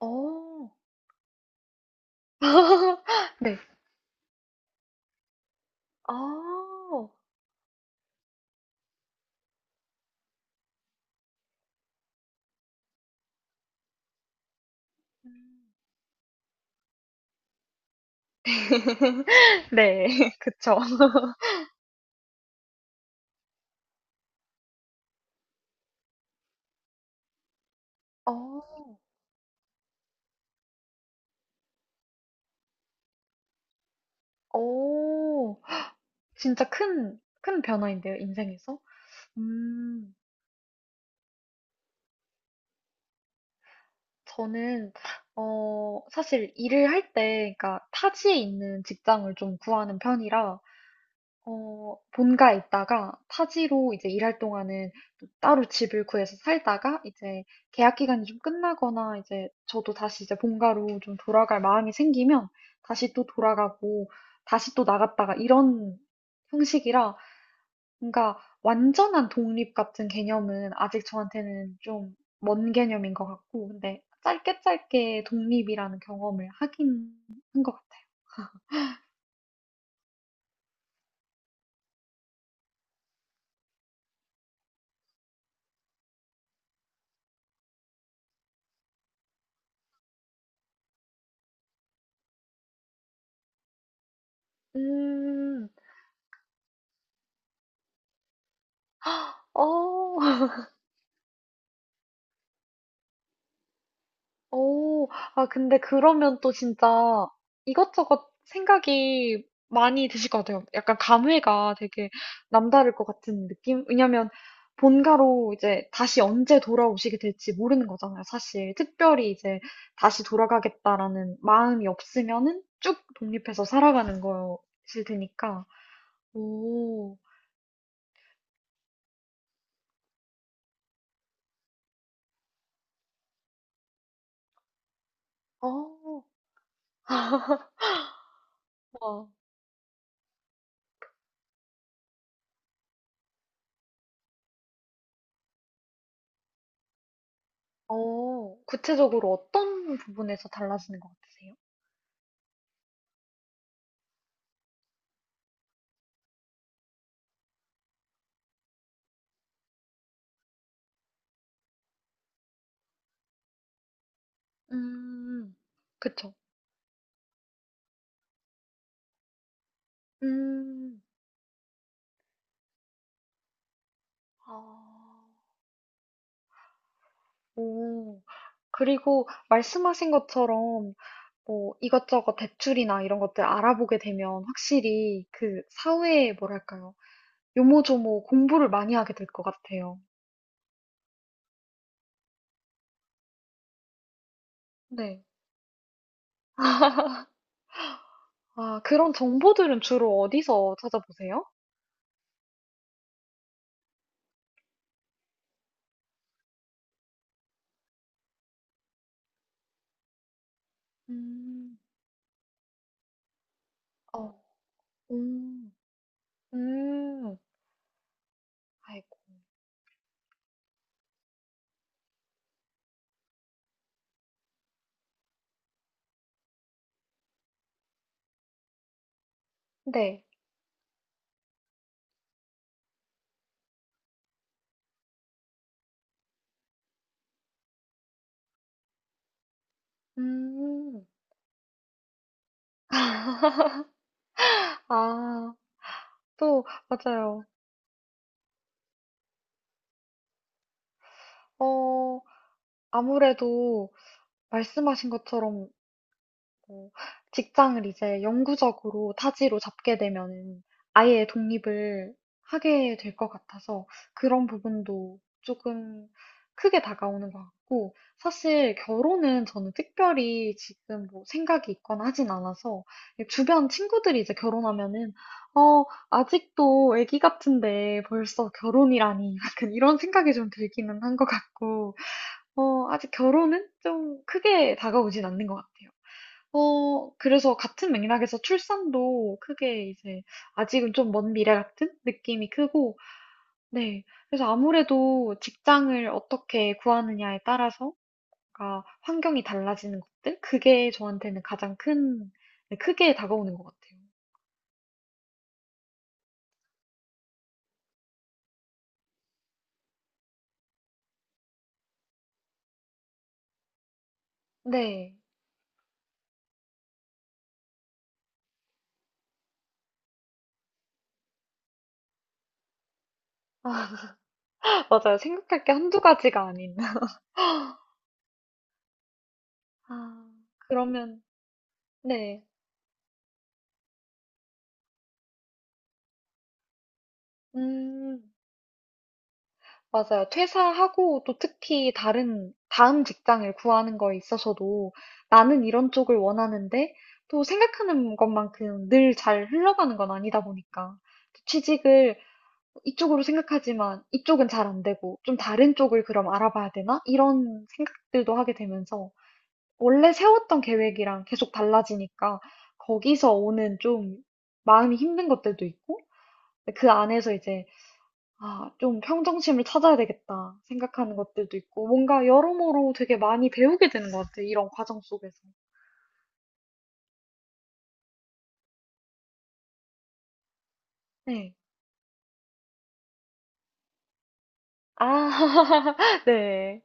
어. 네. 아. 음. 네. 그쵸. 어. 오. 진짜 큰, 큰 변화인데요, 인생에서. 음. 저는 사실 일을 할 때, 그러니까 타지에 있는 직장을 좀 구하는 편이라 어, 본가에 있다가 타지로 이제 일할 동안은 또 따로 집을 구해서 살다가, 이제 계약 기간이 좀 끝나거나 이제 저도 다시 이제 본가로 좀 돌아갈 마음이 생기면 다시 또 돌아가고, 다시 또 나갔다가, 이런 형식이라 뭔가 완전한 독립 같은 개념은 아직 저한테는 좀 먼 개념인 것 같고, 근데 짧게 짧게 독립이라는 경험을 하긴 한 것 같아요. 음, 어, 오, 아, 근데 그러면 또 진짜 이것저것 생각이 많이 드실 것 같아요. 약간 감회가 되게 남다를 것 같은 느낌? 왜냐면 본가로 이제 다시 언제 돌아오시게 될지 모르는 거잖아요, 사실. 특별히 이제 다시 돌아가겠다라는 마음이 없으면은 쭉 독립해서 살아가는 거실 테니까. 오, 어, 와. 어, 구체적으로 어떤 부분에서 달라지는 것 같으세요? 음. 그쵸. 음. 아. 오. 그리고 말씀하신 것처럼 뭐 이것저것 대출이나 이런 것들 알아보게 되면 확실히 그 사회에 뭐랄까요? 요모조모 공부를 많이 하게 될 것 같아요. 네. 아, 그런 정보들은 주로 어디서 찾아보세요? 음. 어. 음. 음. 아이고. 네. 음. 아. 또 맞아요. 어. 아무래도 말씀하신 것처럼 어, 직장을 이제 영구적으로 타지로 잡게 되면은 아예 독립을 하게 될 것 같아서 그런 부분도 조금 크게 다가오는 것 같고, 사실 결혼은 저는 특별히 지금 뭐 생각이 있거나 하진 않아서 주변 친구들이 이제 결혼하면은 어 아직도 아기 같은데 벌써 결혼이라니 약간 이런 생각이 좀 들기는 한 것 같고, 어, 아직 결혼은 좀 크게 다가오진 않는 것 같아요. 어, 그래서 같은 맥락에서 출산도 크게 이제 아직은 좀 먼 미래 같은 느낌이 크고, 네. 그래서 아무래도 직장을 어떻게 구하느냐에 따라서, 가 환경이 달라지는 것들? 그게 저한테는 가장 큰, 네, 크게 다가오는 것 같아요. 네. 맞아요. 생각할 게 한두 가지가 아닌. 아, 그러면, 네. 음. 맞아요. 퇴사하고 또 특히 다른, 다음 직장을 구하는 거에 있어서도 나는 이런 쪽을 원하는데 또 생각하는 것만큼 늘 잘 흘러가는 건 아니다 보니까 또 취직을 이쪽으로 생각하지만 이쪽은 잘 안 되고 좀 다른 쪽을 그럼 알아봐야 되나? 이런 생각들도 하게 되면서 원래 세웠던 계획이랑 계속 달라지니까 거기서 오는 좀 마음이 힘든 것들도 있고, 그 안에서 이제 아, 좀 평정심을 찾아야 되겠다 생각하는 것들도 있고, 뭔가 여러모로 되게 많이 배우게 되는 것 같아요, 이런 과정 속에서. 네. 아, 네.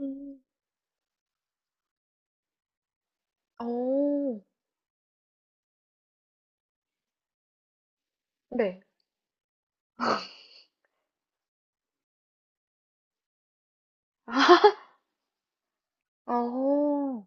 음, 오, 네. 어,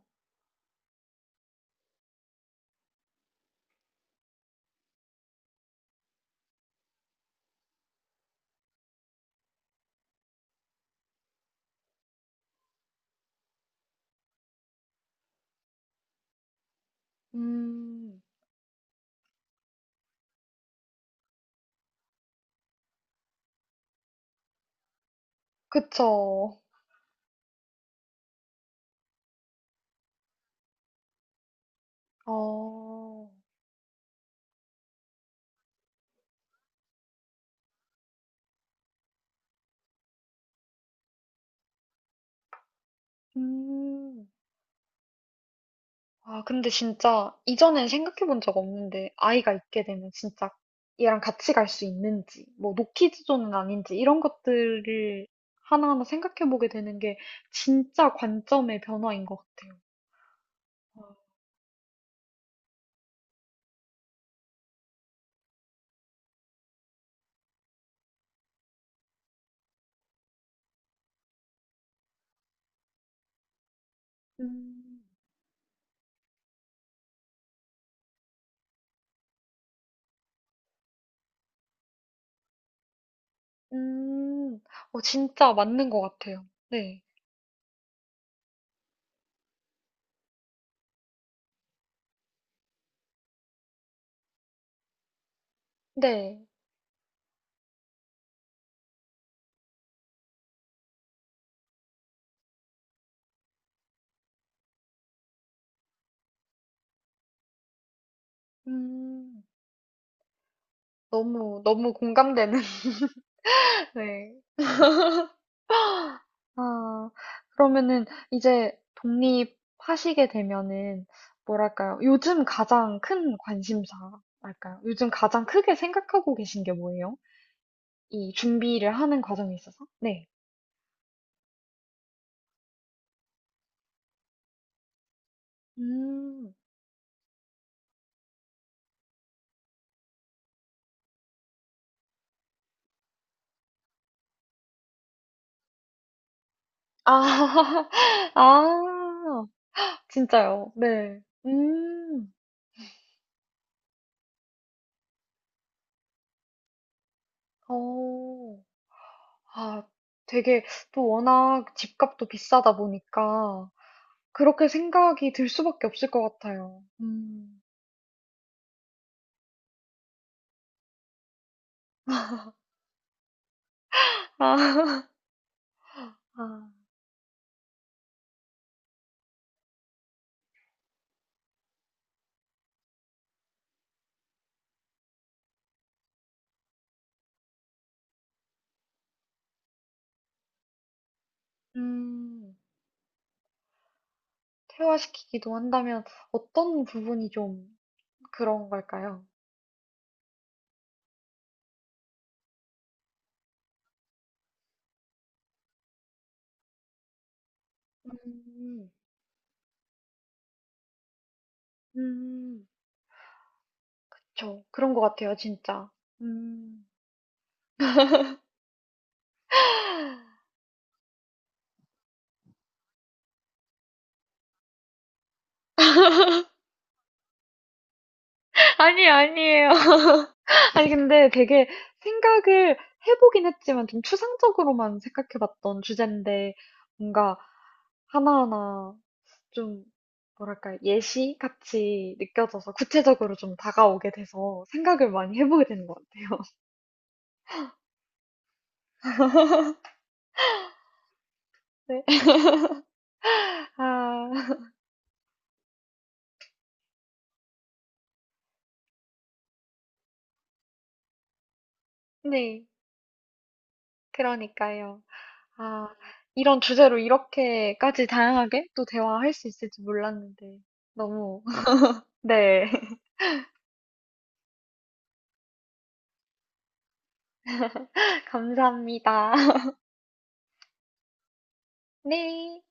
음, 그쵸. 어, 음. 아, 근데 진짜 이전엔 생각해 본 적 없는데 아이가 있게 되면 진짜 얘랑 같이 갈 수 있는지, 뭐 노키즈 존은 아닌지 이런 것들을 하나하나 생각해 보게 되는 게 진짜 관점의 변화인 것 같아요. 아. 음. 음, 어, 진짜 맞는 것 같아요. 네. 네. 음, 너무, 너무 공감되는. 네. 아, 그러면은 이제 독립하시게 되면은 뭐랄까요? 요즘 가장 큰 관심사랄까요? 요즘 가장 크게 생각하고 계신 게 뭐예요? 이 준비를 하는 과정에 있어서? 네. 음. 아, 아, 진짜요? 네. 음. 어. 아, 되게 또 워낙 집값도 비싸다 보니까 그렇게 생각이 들 수밖에 없을 것 같아요. 음. 아. 아, 음, 퇴화시키기도 한다면 어떤 부분이 좀 그런 걸까요? 음, 음, 저 그런 것 같아요, 진짜. 음. 아니, 아니에요. 아니, 근데 되게 생각을 해보긴 했지만 좀 추상적으로만 생각해봤던 주제인데 뭔가 하나하나 좀 뭐랄까 예시 같이 느껴져서 구체적으로 좀 다가오게 돼서 생각을 많이 해보게 되는 것 같아요. 네. 아. 네. 그러니까요. 아 이런 주제로 이렇게까지 다양하게 또 대화할 수 있을지 몰랐는데 너무 네. 감사합니다. 네.